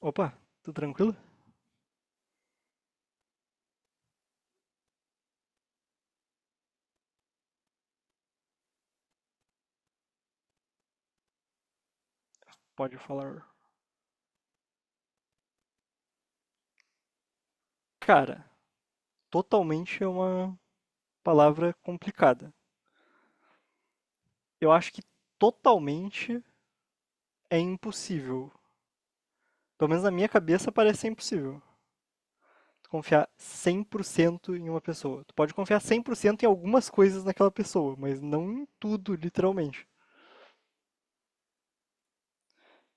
Opa, tudo tranquilo? Pode falar. Cara, totalmente é uma palavra complicada. Eu acho que totalmente é impossível. Pelo menos na minha cabeça parece ser impossível. Tu confiar 100% em uma pessoa. Tu pode confiar 100% em algumas coisas naquela pessoa, mas não em tudo, literalmente.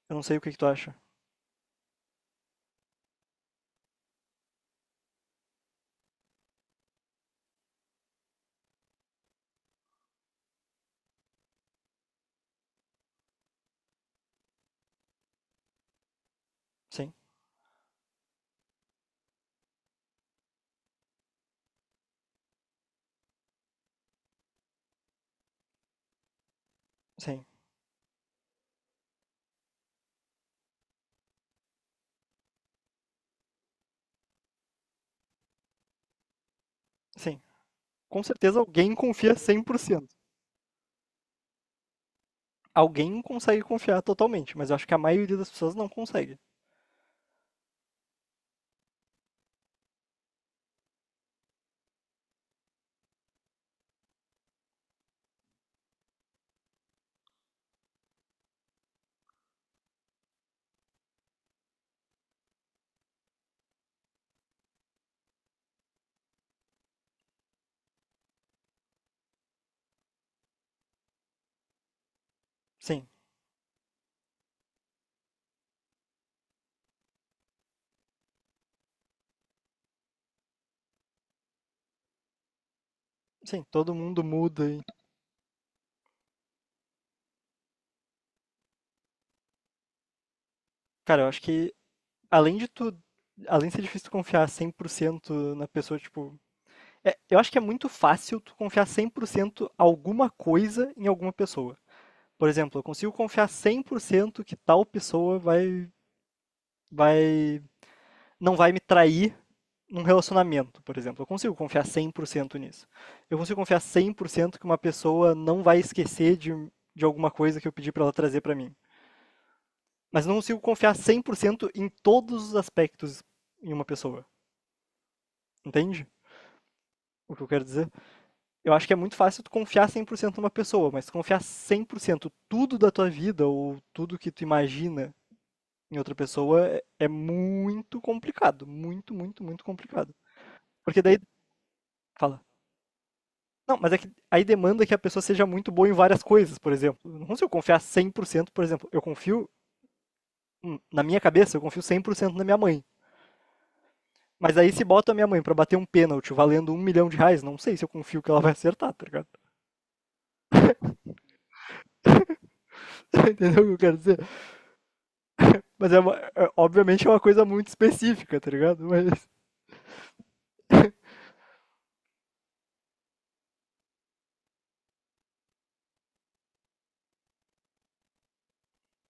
Eu não sei o que que tu acha. Sim, sim, sim. Com certeza alguém confia 100%. Alguém consegue confiar totalmente, mas eu acho que a maioria das pessoas não consegue. Sim, sim, todo mundo muda. Cara, eu acho que além de tu, além de ser difícil tu confiar 100% na pessoa, tipo, é eu acho que é muito fácil tu confiar 100% alguma coisa em alguma pessoa. Por exemplo, eu consigo confiar 100% que tal pessoa vai vai não vai me trair num relacionamento, por exemplo. Eu consigo confiar 100% nisso. Eu consigo confiar 100% que uma pessoa não vai esquecer de alguma coisa que eu pedi pra ela trazer pra mim. Mas não consigo confiar 100% em todos os aspectos em uma pessoa. Entende o que eu quero dizer? Eu acho que é muito fácil tu confiar 100% numa pessoa, mas confiar 100% tudo da tua vida ou tudo que tu imagina em outra pessoa é muito complicado. Muito, muito, muito complicado. Porque daí. Fala. Não, mas é que aí demanda que a pessoa seja muito boa em várias coisas, por exemplo. Eu não consigo confiar cem por cento, por exemplo. Eu confio, na minha cabeça, eu confio 100% na minha mãe. Mas aí se bota a minha mãe pra bater um pênalti valendo R$ 1 milhão, não sei se eu confio que ela vai acertar, tá ligado? Entendeu o que eu quero dizer? Mas é, obviamente é uma coisa muito específica, tá ligado? Mas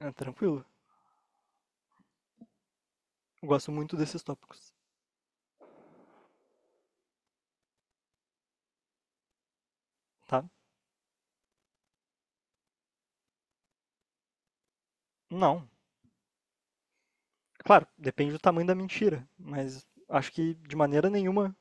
é tranquilo. Eu gosto muito desses tópicos, tá? Não. Claro, depende do tamanho da mentira, mas acho que de maneira nenhuma.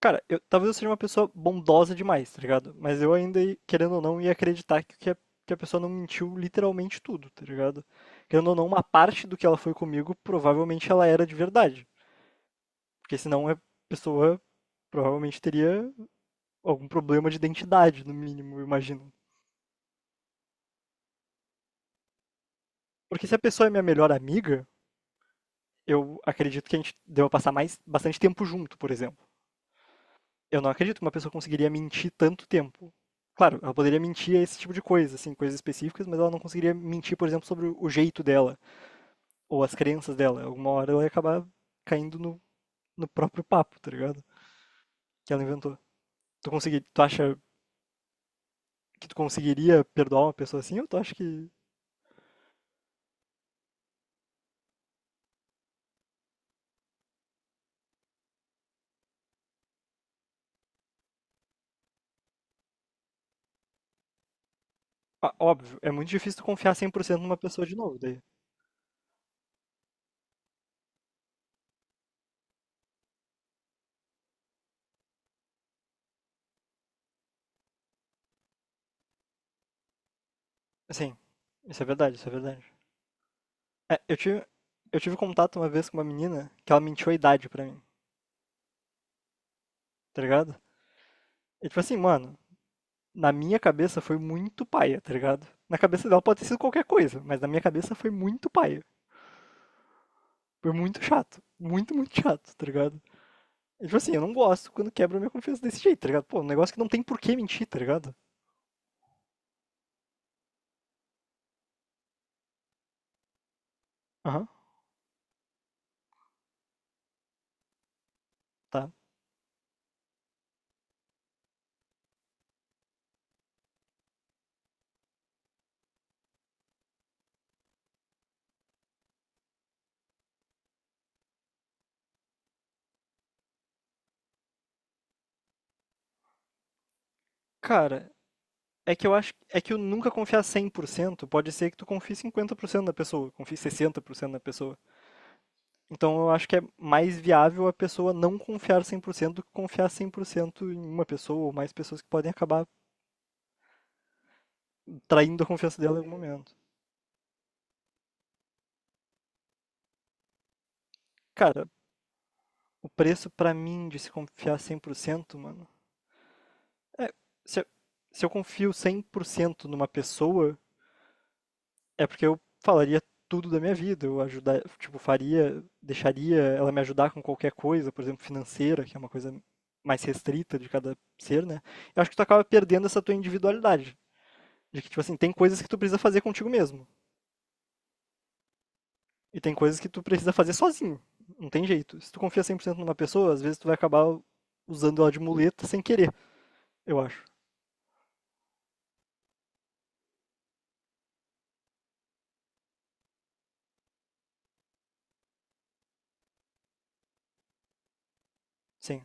Cara, eu, talvez eu seja uma pessoa bondosa demais, tá ligado? Mas eu ainda, querendo ou não, ia acreditar que a pessoa não mentiu literalmente tudo, tá ligado? Querendo ou não, uma parte do que ela foi comigo, provavelmente ela era de verdade. Porque senão a pessoa provavelmente teria algum problema de identidade, no mínimo, eu imagino. Porque se a pessoa é minha melhor amiga, eu acredito que a gente deva passar mais bastante tempo junto, por exemplo. Eu não acredito que uma pessoa conseguiria mentir tanto tempo. Claro, ela poderia mentir a esse tipo de coisa, assim, coisas específicas, mas ela não conseguiria mentir, por exemplo, sobre o jeito dela, ou as crenças dela. Alguma hora ela ia acabar caindo no próprio papo, tá ligado? Que ela inventou. Tu acha que tu conseguiria perdoar uma pessoa assim, ou tu acha que. Ah, óbvio, é muito difícil tu confiar 100% numa pessoa de novo, daí. Assim, isso é verdade, isso é verdade. É, eu tive contato uma vez com uma menina que ela mentiu a idade pra mim, tá ligado? E tipo assim, mano, na minha cabeça foi muito paia, tá ligado? Na cabeça dela pode ter sido qualquer coisa, mas na minha cabeça foi muito paia. Foi muito chato. Muito, muito chato, tá ligado? E, tipo assim, eu não gosto quando quebra minha confiança desse jeito, tá ligado? Pô, um negócio que não tem por que mentir, tá ligado? Aham, tá. Cara, é que eu acho. É que eu nunca confiar 100% pode ser que tu confie 50% na pessoa, confie 60% na pessoa. Então eu acho que é mais viável a pessoa não confiar 100% do que confiar 100% em uma pessoa ou mais pessoas que podem acabar traindo a confiança dela em algum momento. Cara, o preço pra mim de se confiar 100% mano, é se eu, se eu confio 100% numa pessoa, é porque eu falaria tudo da minha vida, eu ajudar, tipo, faria, deixaria ela me ajudar com qualquer coisa, por exemplo, financeira, que é uma coisa mais restrita de cada ser, né? Eu acho que tu acaba perdendo essa tua individualidade. De que, tipo assim, tem coisas que tu precisa fazer contigo mesmo. E tem coisas que tu precisa fazer sozinho. Não tem jeito. Se tu confia 100% numa pessoa, às vezes tu vai acabar usando ela de muleta sem querer, eu acho. Sim,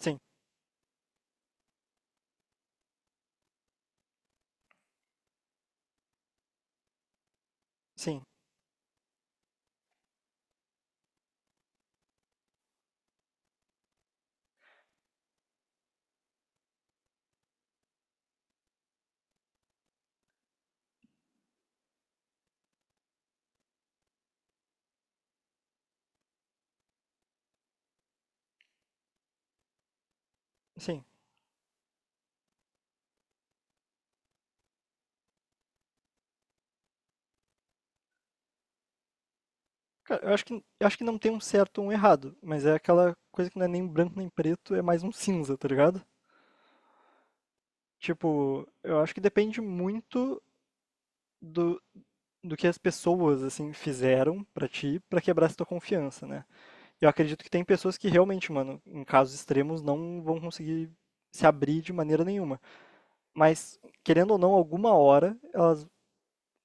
sim, sim, sim. Cara, eu acho que não tem um certo ou um errado, mas é aquela coisa que não é nem branco nem preto, é mais um cinza, tá ligado? Tipo, eu acho que depende muito do, do que as pessoas, assim, fizeram pra ti pra quebrar essa tua confiança, né? Eu acredito que tem pessoas que realmente, mano, em casos extremos, não vão conseguir se abrir de maneira nenhuma. Mas, querendo ou não, alguma hora elas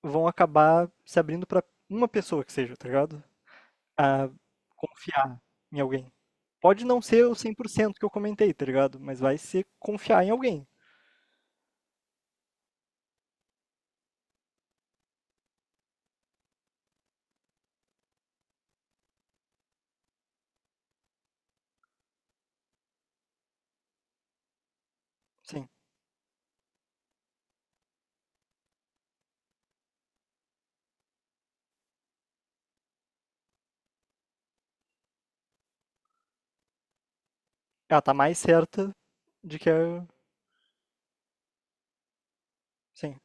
vão acabar se abrindo pra uma pessoa que seja, tá ligado? A confiar em alguém. Pode não ser o 100% que eu comentei, tá ligado? Mas vai ser confiar em alguém. Sim. Ela tá mais certa de que é. Sim.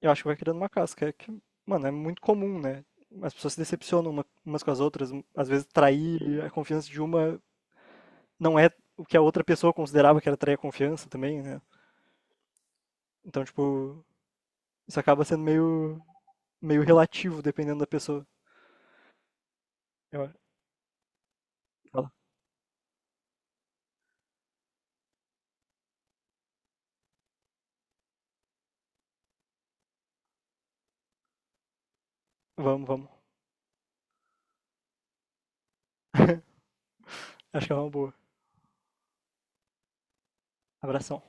Eu acho que vai criando uma casca. É que, mano, é muito comum, né? As pessoas se decepcionam umas com as outras. Às vezes trair a confiança de uma não é o que a outra pessoa considerava que era trair a confiança também, né? Então, tipo, isso acaba sendo meio relativo, dependendo da pessoa. Eu- Fala. Vamos, vamos. Acho que é uma boa. Abração.